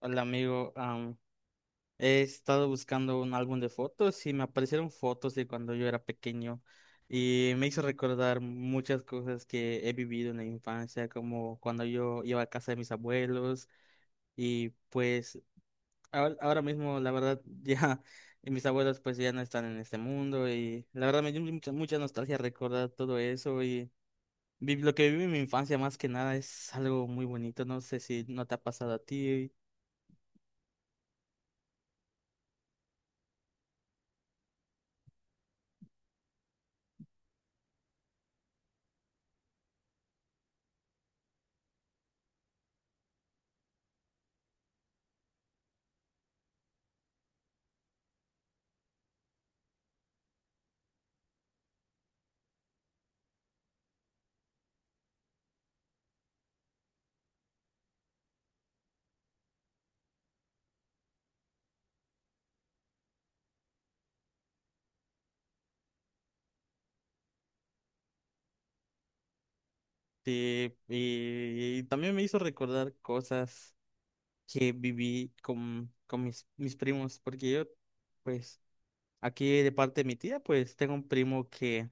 Hola amigo, he estado buscando un álbum de fotos y me aparecieron fotos de cuando yo era pequeño y me hizo recordar muchas cosas que he vivido en la infancia, como cuando yo iba a casa de mis abuelos y pues ahora mismo la verdad ya mis abuelos pues ya no están en este mundo y la verdad me dio mucha nostalgia recordar todo eso y lo que viví en mi infancia más que nada es algo muy bonito, no sé si no te ha pasado a ti. Sí, y también me hizo recordar cosas que viví con mis primos, porque yo, pues, aquí de parte de mi tía, pues, tengo un primo que,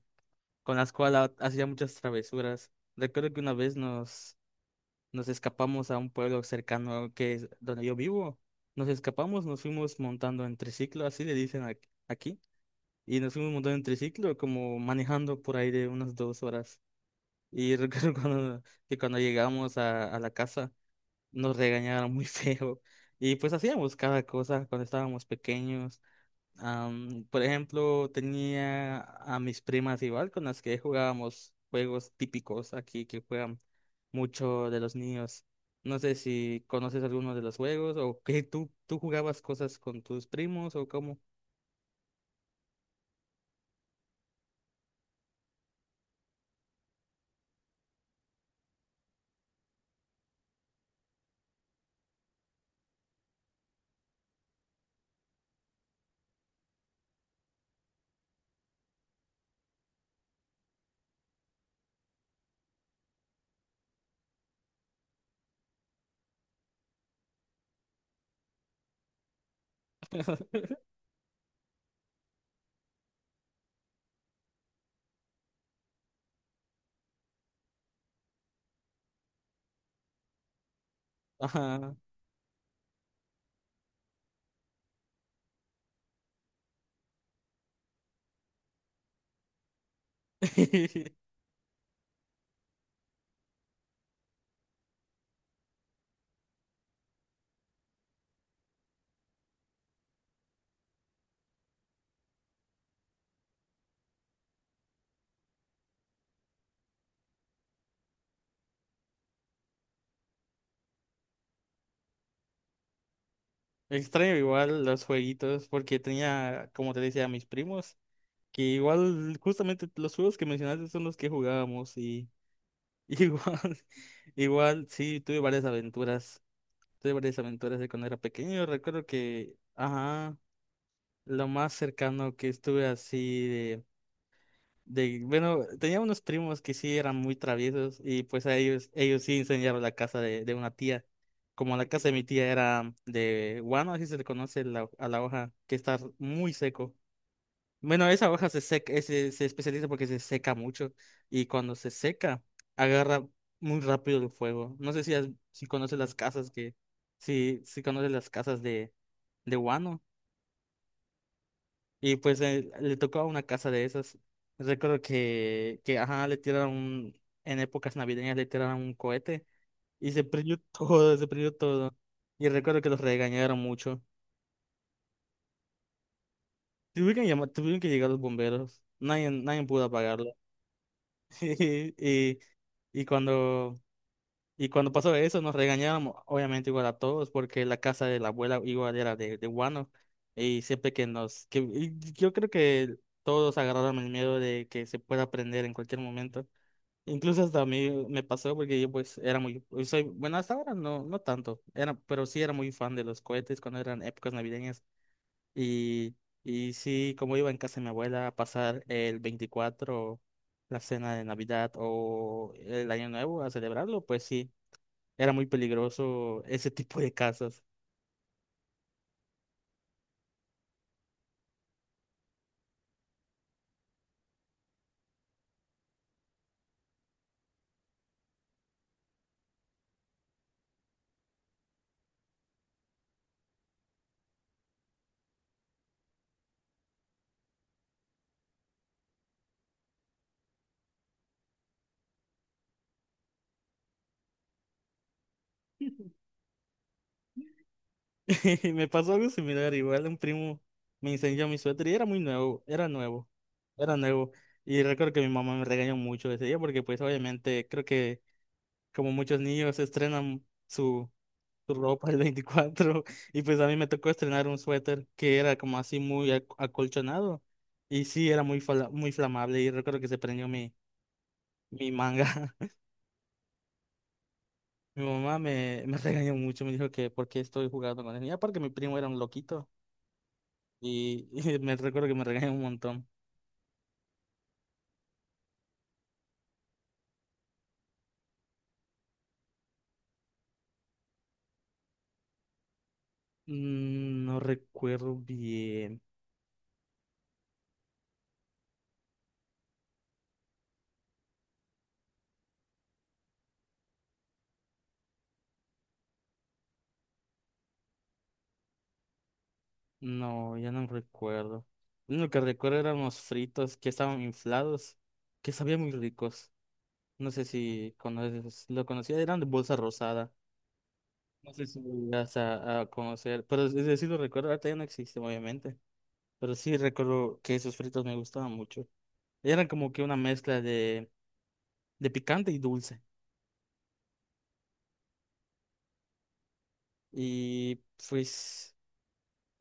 con las cual hacía muchas travesuras. Recuerdo que una vez nos escapamos a un pueblo cercano que es donde yo vivo. Nos escapamos, nos fuimos montando en triciclo, así le dicen aquí, y nos fuimos montando en triciclo, como manejando por ahí de unas dos horas. Y recuerdo que cuando llegamos a la casa, nos regañaron muy feo. Y pues hacíamos cada cosa cuando estábamos pequeños. Por ejemplo, tenía a mis primas igual con las que jugábamos juegos típicos aquí que juegan mucho de los niños. No sé si conoces alguno de los juegos o que tú jugabas cosas con tus primos o cómo. Ajá. Extraño igual los jueguitos porque tenía, como te decía, a mis primos que igual justamente los juegos que mencionaste son los que jugábamos. Igual, igual, sí, tuve varias aventuras. Tuve varias aventuras de cuando era pequeño. Recuerdo que, ajá, lo más cercano que estuve así de, bueno, tenía unos primos que sí eran muy traviesos y pues a ellos, ellos sí incendiaron la casa de una tía. Como la casa de mi tía era de guano, así se le conoce a la hoja, que está muy seco. Bueno, esa hoja se seca, se especializa porque se seca mucho y cuando se seca agarra muy rápido el fuego. No sé si si conoces las casas que, si conoces las casas de Wano y pues le tocó a una casa de esas. Recuerdo que ajá, le tiraron en épocas navideñas le tiraron un cohete y se prendió todo, se prendió todo. Y recuerdo que los regañaron mucho. Tuvieron que llamar, tuvieron que llegar los bomberos. Nadie, nadie pudo apagarlo. Y, y cuando, y cuando pasó eso, nos regañábamos, obviamente igual a todos, porque la casa de la abuela igual era de guano. Y siempre que y yo creo que todos agarraron el miedo de que se pueda prender en cualquier momento. Incluso hasta a mí me pasó porque yo pues era soy, bueno, hasta ahora no, no tanto, era, pero sí era muy fan de los cohetes cuando eran épocas navideñas. Y, y sí, como iba en casa de mi abuela a pasar el 24, la cena de Navidad o el Año Nuevo a celebrarlo, pues sí, era muy peligroso ese tipo de casas. Y me pasó algo similar, igual un primo me incendió mi suéter y era muy nuevo, era nuevo. Y recuerdo que mi mamá me regañó mucho ese día porque pues obviamente creo que como muchos niños estrenan su tu ropa el 24 y pues a mí me tocó estrenar un suéter que era como así muy acolchonado y sí era muy muy flamable y recuerdo que se prendió mi manga. Mi mamá me regañó mucho, me dijo que por qué estoy jugando con él. Y aparte mi primo era un loquito y, y me recuerdo que me regañó un montón. Mm, no recuerdo bien, no, ya no recuerdo. Lo único que recuerdo eran unos fritos que estaban inflados, que sabían muy ricos. No sé si conoces, lo conocía, eran de bolsa rosada. No sé si llegas a conocer, pero es decir, lo recuerdo, ahorita ya no existen, obviamente. Pero sí recuerdo que esos fritos me gustaban mucho. Eran como que una mezcla de picante y dulce. Y pues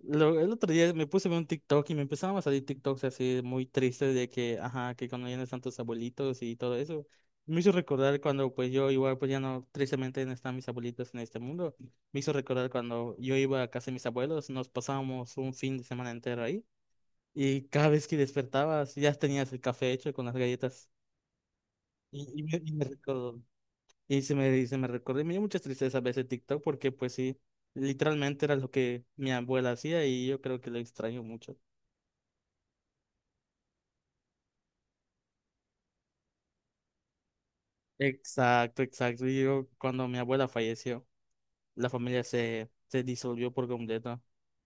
el otro día me puse a ver un TikTok y me empezaban a salir TikToks así muy tristes de que, ajá, que cuando ya no están tus abuelitos y todo eso. Me hizo recordar cuando pues yo igual pues ya no, tristemente no están mis abuelitos en este mundo. Me hizo recordar cuando yo iba a casa de mis abuelos, nos pasábamos un fin de semana entero ahí y cada vez que despertabas ya tenías el café hecho con las galletas. Y me recordó, y se me recordó y me dio mucha tristeza ver ese TikTok porque pues sí, literalmente era lo que mi abuela hacía y yo creo que lo extraño mucho. Exacto, exacto. Y yo, cuando mi abuela falleció, la familia se disolvió por completo,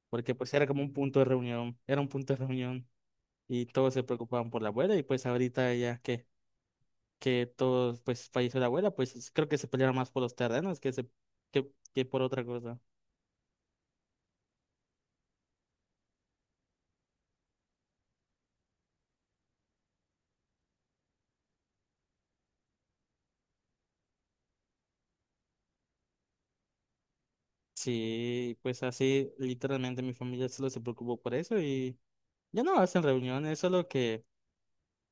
porque pues era como un punto de reunión, era un punto de reunión y todos se preocupaban por la abuela y pues ahorita ya que todos, pues falleció la abuela, pues creo que se pelearon más por los terrenos que por otra cosa. Sí, pues así literalmente mi familia solo se preocupó por eso y ya no hacen reuniones, solo que...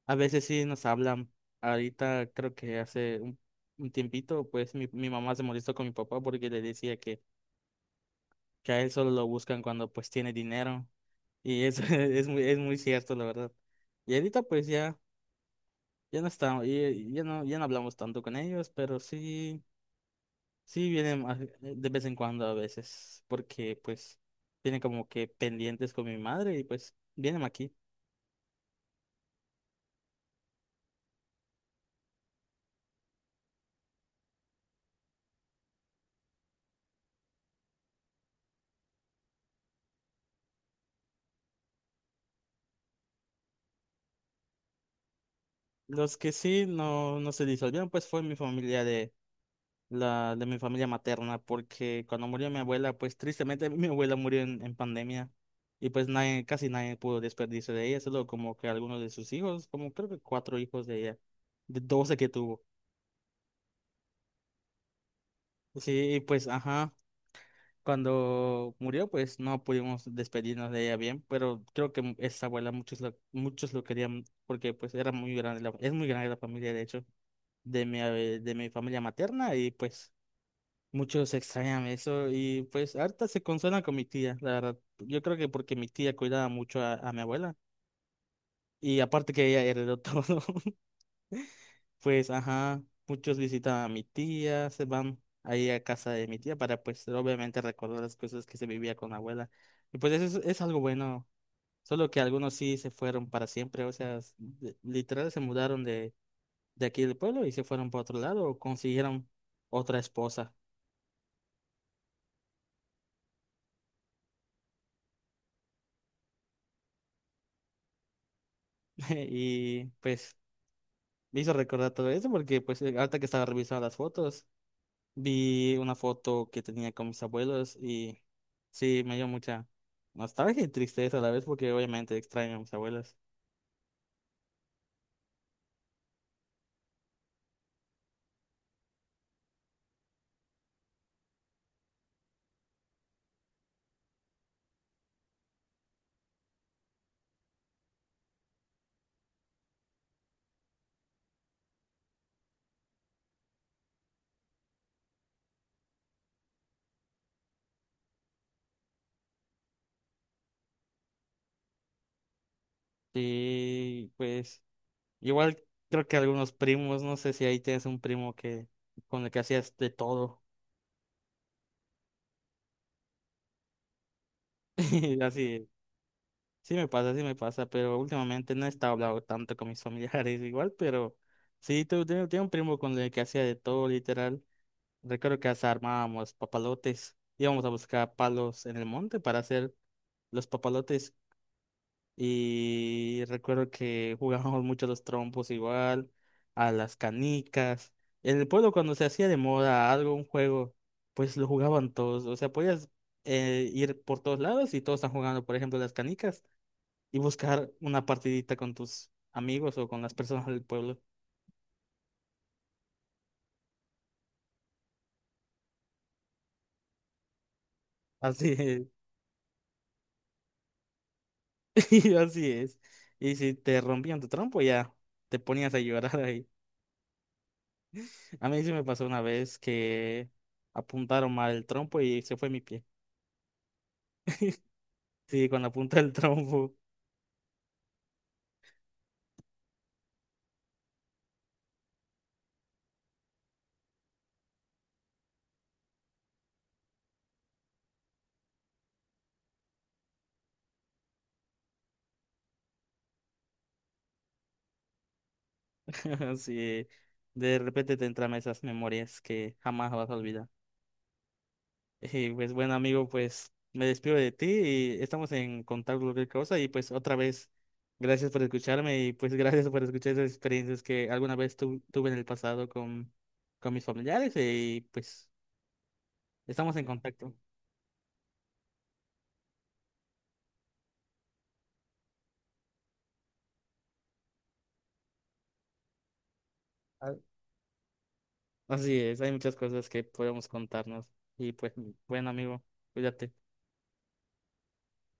A veces sí nos hablan. Ahorita creo que hace un tiempito, pues mi mamá se molestó con mi papá porque le decía que a él solo lo buscan cuando pues tiene dinero. Y eso es muy cierto, la verdad. Y ahorita pues ya, ya no estamos, ya no hablamos tanto con ellos, pero sí, sí vienen de vez en cuando a veces, porque pues tienen como que pendientes con mi madre y pues vienen aquí. Los que sí no, no se disolvieron, pues fue mi familia la de mi familia materna, porque cuando murió mi abuela, pues tristemente mi abuela murió en pandemia y pues nadie, casi nadie pudo despedirse de ella, solo como que algunos de sus hijos, como creo que 4 hijos de ella, de 12 que tuvo. Sí, y pues ajá, cuando murió, pues no pudimos despedirnos de ella bien, pero creo que esa abuela muchos lo querían porque pues era muy grande, es muy grande la familia de hecho, de mi familia materna y pues muchos extrañan eso y pues harta se consuela con mi tía, la verdad. Yo creo que porque mi tía cuidaba mucho a mi abuela y aparte que ella heredó todo, pues ajá, muchos visitan a mi tía, se van ahí a casa de mi tía para pues obviamente recordar las cosas que se vivía con la abuela. Y pues eso es algo bueno, solo que algunos sí se fueron para siempre, o sea, literal se mudaron de aquí del pueblo y se fueron para otro lado o consiguieron otra esposa y pues... Me hizo recordar todo eso porque pues ahorita que estaba revisando las fotos, vi una foto que tenía con mis abuelos y sí, me dio mucha nostalgia y tristeza a la vez porque obviamente extraño a mis abuelos. Sí, pues igual creo que algunos primos, no sé si ahí tienes un primo que con el que hacías de todo. Así, sí me pasa, pero últimamente no he estado hablando tanto con mis familiares igual, pero sí, tengo un primo con el que hacía de todo literal. Recuerdo que hasta armábamos papalotes. Íbamos a buscar palos en el monte para hacer los papalotes. Y recuerdo que jugábamos mucho a los trompos igual, a las canicas. En el pueblo cuando se hacía de moda algo, un juego, pues lo jugaban todos. O sea, podías ir por todos lados y todos están jugando, por ejemplo, las canicas y buscar una partidita con tus amigos o con las personas del pueblo. Así sí, así es. Y si te rompían tu trompo, ya te ponías a llorar ahí. A mí sí me pasó una vez que apuntaron mal el trompo y se fue mi pie. Sí, cuando apunta el trompo, sí, de repente te entran esas memorias que jamás vas a olvidar. Y pues bueno, amigo, pues me despido de ti y estamos en contacto cualquier cosa y pues otra vez, gracias por escucharme y pues gracias por escuchar esas experiencias que alguna vez tuve en el pasado con mis familiares y pues... Estamos en contacto. Ah, así es, hay muchas cosas que podemos contarnos. Y pues, buen amigo, cuídate.